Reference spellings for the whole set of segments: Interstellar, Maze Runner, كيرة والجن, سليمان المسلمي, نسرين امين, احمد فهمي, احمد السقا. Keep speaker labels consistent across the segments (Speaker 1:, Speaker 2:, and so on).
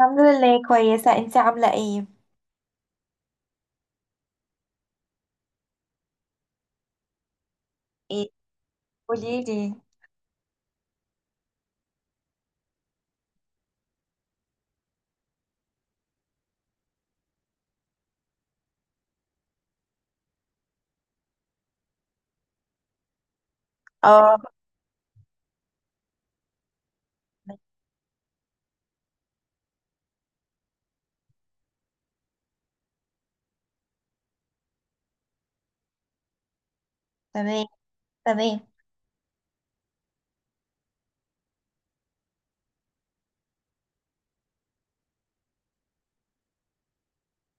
Speaker 1: الحمد لله كويسة، انتي عاملة ايه؟ ايه قوليلي. اه. تمام. تمام.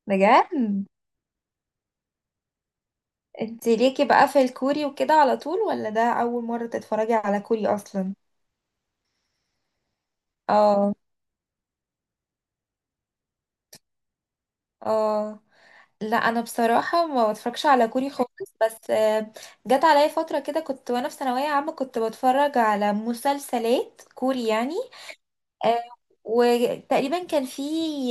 Speaker 1: بجد؟ انتي ليكي بقى في الكوري وكده على طول ولا ده أول مرة تتفرجي على كوري أصلا؟ اه اه. لا أنا بصراحة ما بتفرجش على كوري خالص. بس جت عليا فترة كده كنت وأنا في ثانوية عامة كنت بتفرج على مسلسلات كوري يعني. آه، وتقريبا كان في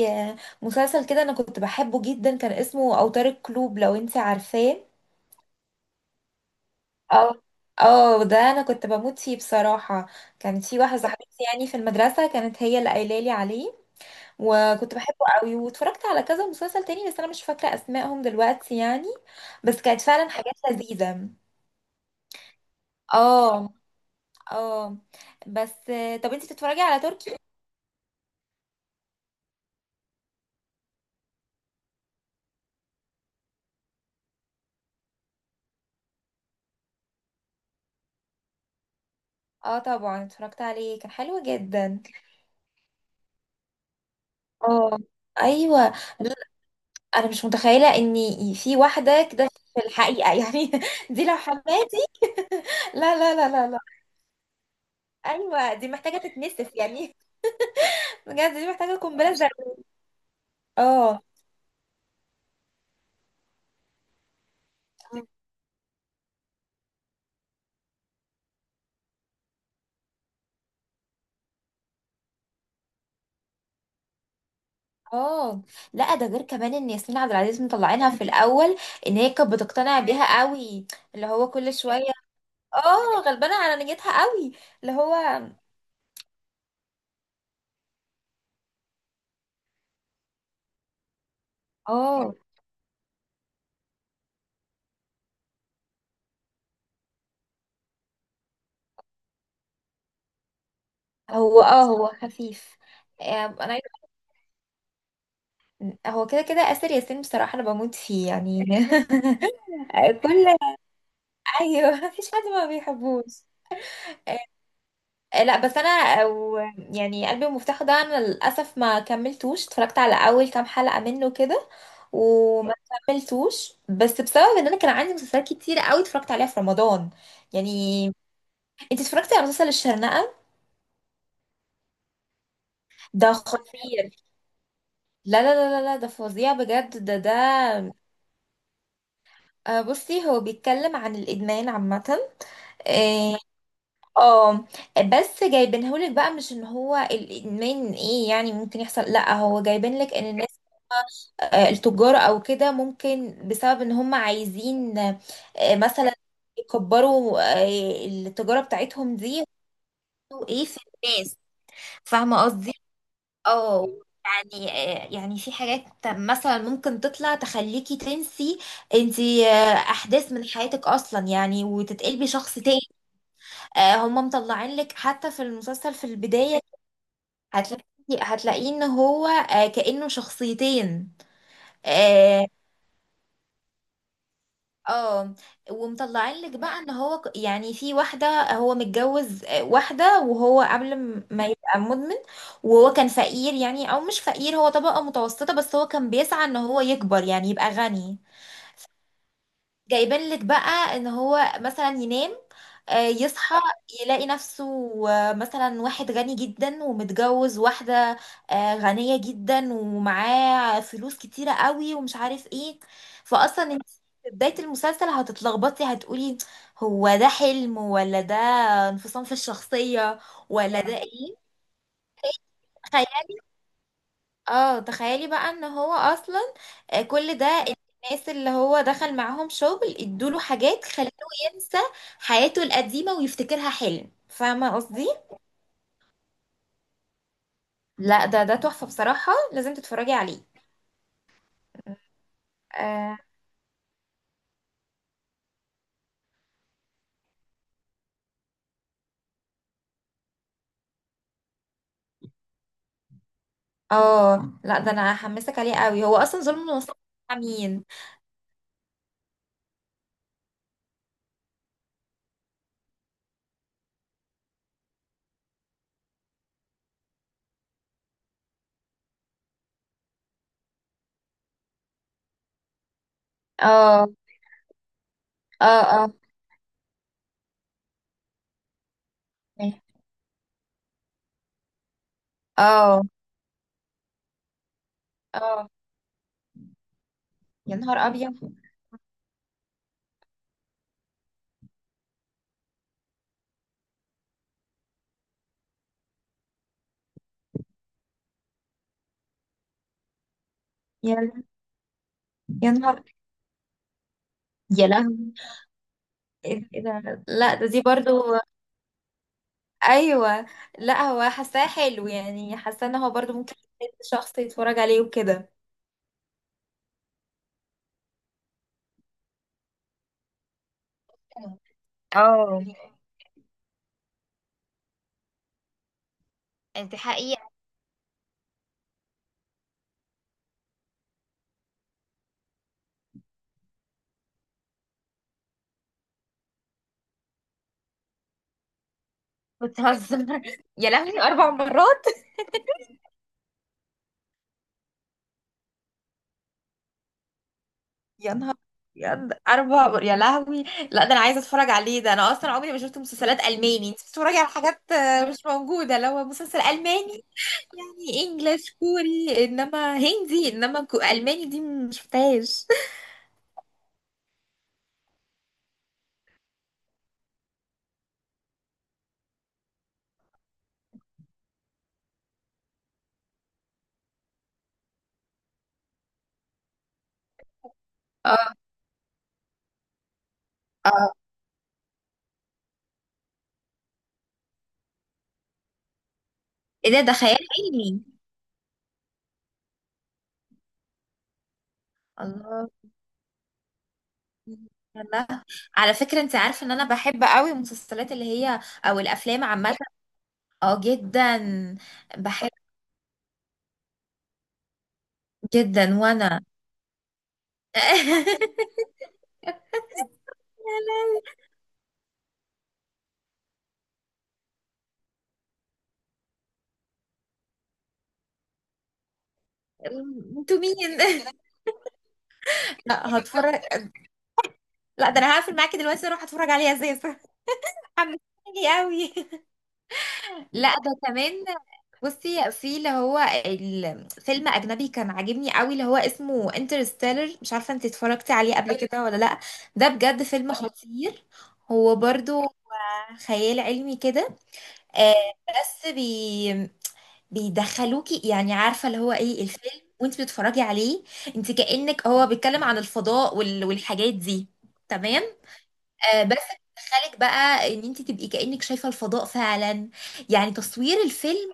Speaker 1: آه، مسلسل كده أنا كنت بحبه جدا، كان اسمه أوتار الكلوب لو انتي عارفاه. اه اه، ده انا كنت بموت فيه بصراحة. كانت في واحدة صاحبتي يعني في المدرسة، كانت هي اللي قايله لي عليه. وكنت بحبه قوي واتفرجت على كذا مسلسل تاني، بس انا مش فاكرة اسمائهم دلوقتي يعني. بس كانت فعلا حاجات لذيذة. اه اه. بس طب انتي بتتفرجي على تركي؟ اه طبعا اتفرجت عليه، كان حلو جدا. اه ايوه. لا، انا مش متخيله ان في واحده كده في الحقيقه يعني. دي لو حماتي لا لا لا لا لا. ايوه دي محتاجه تتنسف يعني. بجد دي محتاجه قنبله ذريه. اه اه. لا ده غير كمان ان ياسمين عبد العزيز مطلعينها في الاول ان هي كانت بتقتنع بيها قوي. اللي هو كل شويه. اه غلبانه على نيتها قوي. اللي هو اه. هو اه هو خفيف. انا عايزة- هو كده كده اسر ياسين بصراحه انا بموت فيه يعني. كل. ايوه مفيش حد ما بيحبوش. لا بس انا أو يعني قلبي المفتاح ده انا للاسف ما كملتوش، اتفرجت على اول كام حلقة منه كده وما كملتوش، بس بسبب ان انا كان عندي مسلسلات كتير قوي اتفرجت عليها في رمضان يعني. انت اتفرجتي على مسلسل الشرنقة؟ ده خطير. لا لا لا لا لا، ده فظيع بجد، ده ده بصي، هو بيتكلم عن الادمان عامة. إيه، اه بس جايبينهولك بقى مش ان هو الادمان ايه يعني ممكن يحصل، لا هو جايبين لك ان الناس التجار او كده ممكن بسبب ان هم عايزين، مثلا يكبروا التجارة بتاعتهم دي ويعملوا ايه في الناس. فاهمة قصدي؟ اه يعني يعني في حاجات مثلا ممكن تطلع تخليكي تنسي انتي احداث من حياتك اصلا يعني وتتقلبي شخص تاني. هم مطلعين لك حتى في المسلسل في البداية، هتلاقي هتلاقيه ان هو كأنه شخصيتين. آه، اه. ومطلعين لك بقى ان هو ك- يعني في واحده هو متجوز واحده وهو قبل م- ما يبقى مدمن وهو كان فقير يعني او مش فقير، هو طبقه متوسطه بس هو كان بيسعى ان هو يكبر يعني يبقى غني. جايبين لك بقى ان هو مثلا ينام يصحى يلاقي نفسه مثلا واحد غني جدا ومتجوز واحدة غنية جدا ومعاه فلوس كتيرة قوي ومش عارف ايه. فاصلا انت في بداية المسلسل هتتلخبطي، هتقولي هو ده حلم ولا ده انفصام في الشخصية ولا ده ايه. تخيلي. اه تخيلي بقى ان هو اصلا كل ده الناس اللي هو دخل معاهم شغل ادوله حاجات خلوه ينسى حياته القديمة ويفتكرها حلم. فاهمة قصدي؟ لا ده ده تحفة بصراحة، لازم تتفرجي عليه. اه لا ده انا هحمسك عليه قوي. هو اصلا ظلم المصنف بتاع مين؟ اه اه اه اه اه. يا نهار ابيض. يا يا نهار. يا لهوي. ايه ده؟ إيه ده؟ لا ده دي برضو. ايوه. لا هو حاساه حلو يعني، حاسه ان هو برضو ممكن شخص يتفرج عليه وكده. اه انت حقيقة. بتهزر؟ يا لهوي، اربع مرات. يا نهار أبيض، اربع مر-، يا لهوي. لا ده انا عايزه اتفرج عليه، ده انا اصلا عمري ما شفت مسلسلات الماني. انت بتتفرجي على حاجات مش موجوده، لو مسلسل الماني يعني. انجلش، كوري، انما هندي، انما كو- الماني دي ما شفتهاش. اه اه. ايه ده؟ ده خيال علمي؟ الله. والله على فكرة انت عارفة ان انا بحب قوي المسلسلات اللي هي او الافلام عامة. اه جدا. بحب جدا. وانا انتوا مين؟ لا هتفرج. لا ده انا هقفل معاكي دلوقتي اروح اتفرج عليها زي. حمستني قوي. لا ده كمان. بصي في اللي هو الفيلم اجنبي كان عاجبني قوي، اللي هو اسمه انترستيلر، مش عارفه انت اتفرجتي عليه قبل كده ولا لا. ده بجد فيلم خطير. هو برضو خيال علمي كده. آه بس بي بيدخلوكي يعني، عارفه اللي هو ايه الفيلم وانت بتتفرجي عليه، انت كأنك هو بيتكلم عن الفضاء وال... والحاجات دي. تمام. آه بس بيدخلك بقى ان انت تبقي كأنك شايفه الفضاء فعلا. يعني تصوير الفيلم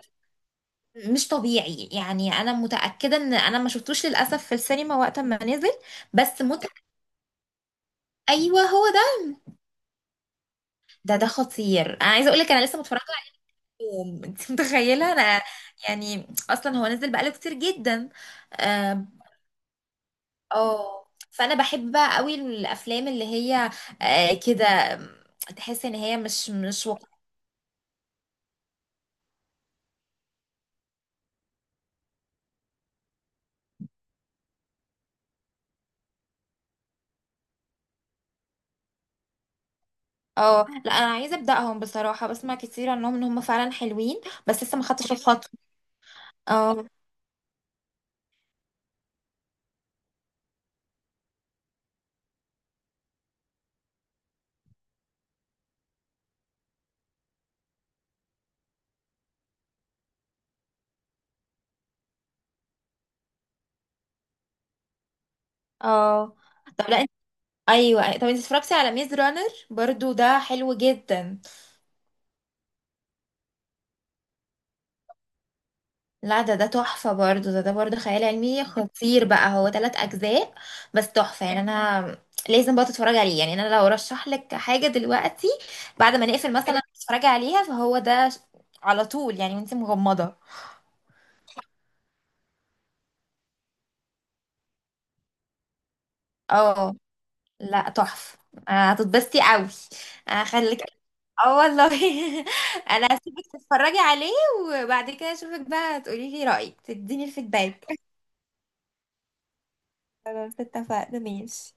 Speaker 1: مش طبيعي يعني. انا متأكده ان انا ما شفتوش للاسف في السينما وقت ما نزل. بس مت-، ايوه هو ده. ده ده خطير، انا عايزه اقول لك انا لسه متفرجه يوم. انت متخيله انا يعني اصلا هو نزل بقاله كتير جدا. اه. آه. فانا بحب بقى قوي الافلام اللي هي آه كده، آم، تحس ان هي مش مش وق-. اه لا انا عايزه ابداهم بصراحه، بسمع كتير عنهم ان هم فعلا حلوين بس لسه ما خدتش الخطوه. اه اه. طب لا انت-، ايوه طب انت اتفرجتي على ميز رانر؟ برضو ده حلو جدا. لا ده ده تحفة برضه، ده ده برضه خيال علمي خطير بقى، هو ثلاث أجزاء بس تحفة يعني. أنا لازم بقى تتفرج عليه يعني. أنا لو رشح لك حاجة دلوقتي بعد ما نقفل مثلا تتفرجي عليها، فهو ده ش- على طول يعني وانت مغمضة. اه لا تحفة. هتتبسطي قوي، هخليك. اه والله. انا هسيبك تتفرجي عليه وبعد كده اشوفك بقى تقولي لي رأيك، تديني الفيدباك. خلاص اتفقنا ماشي.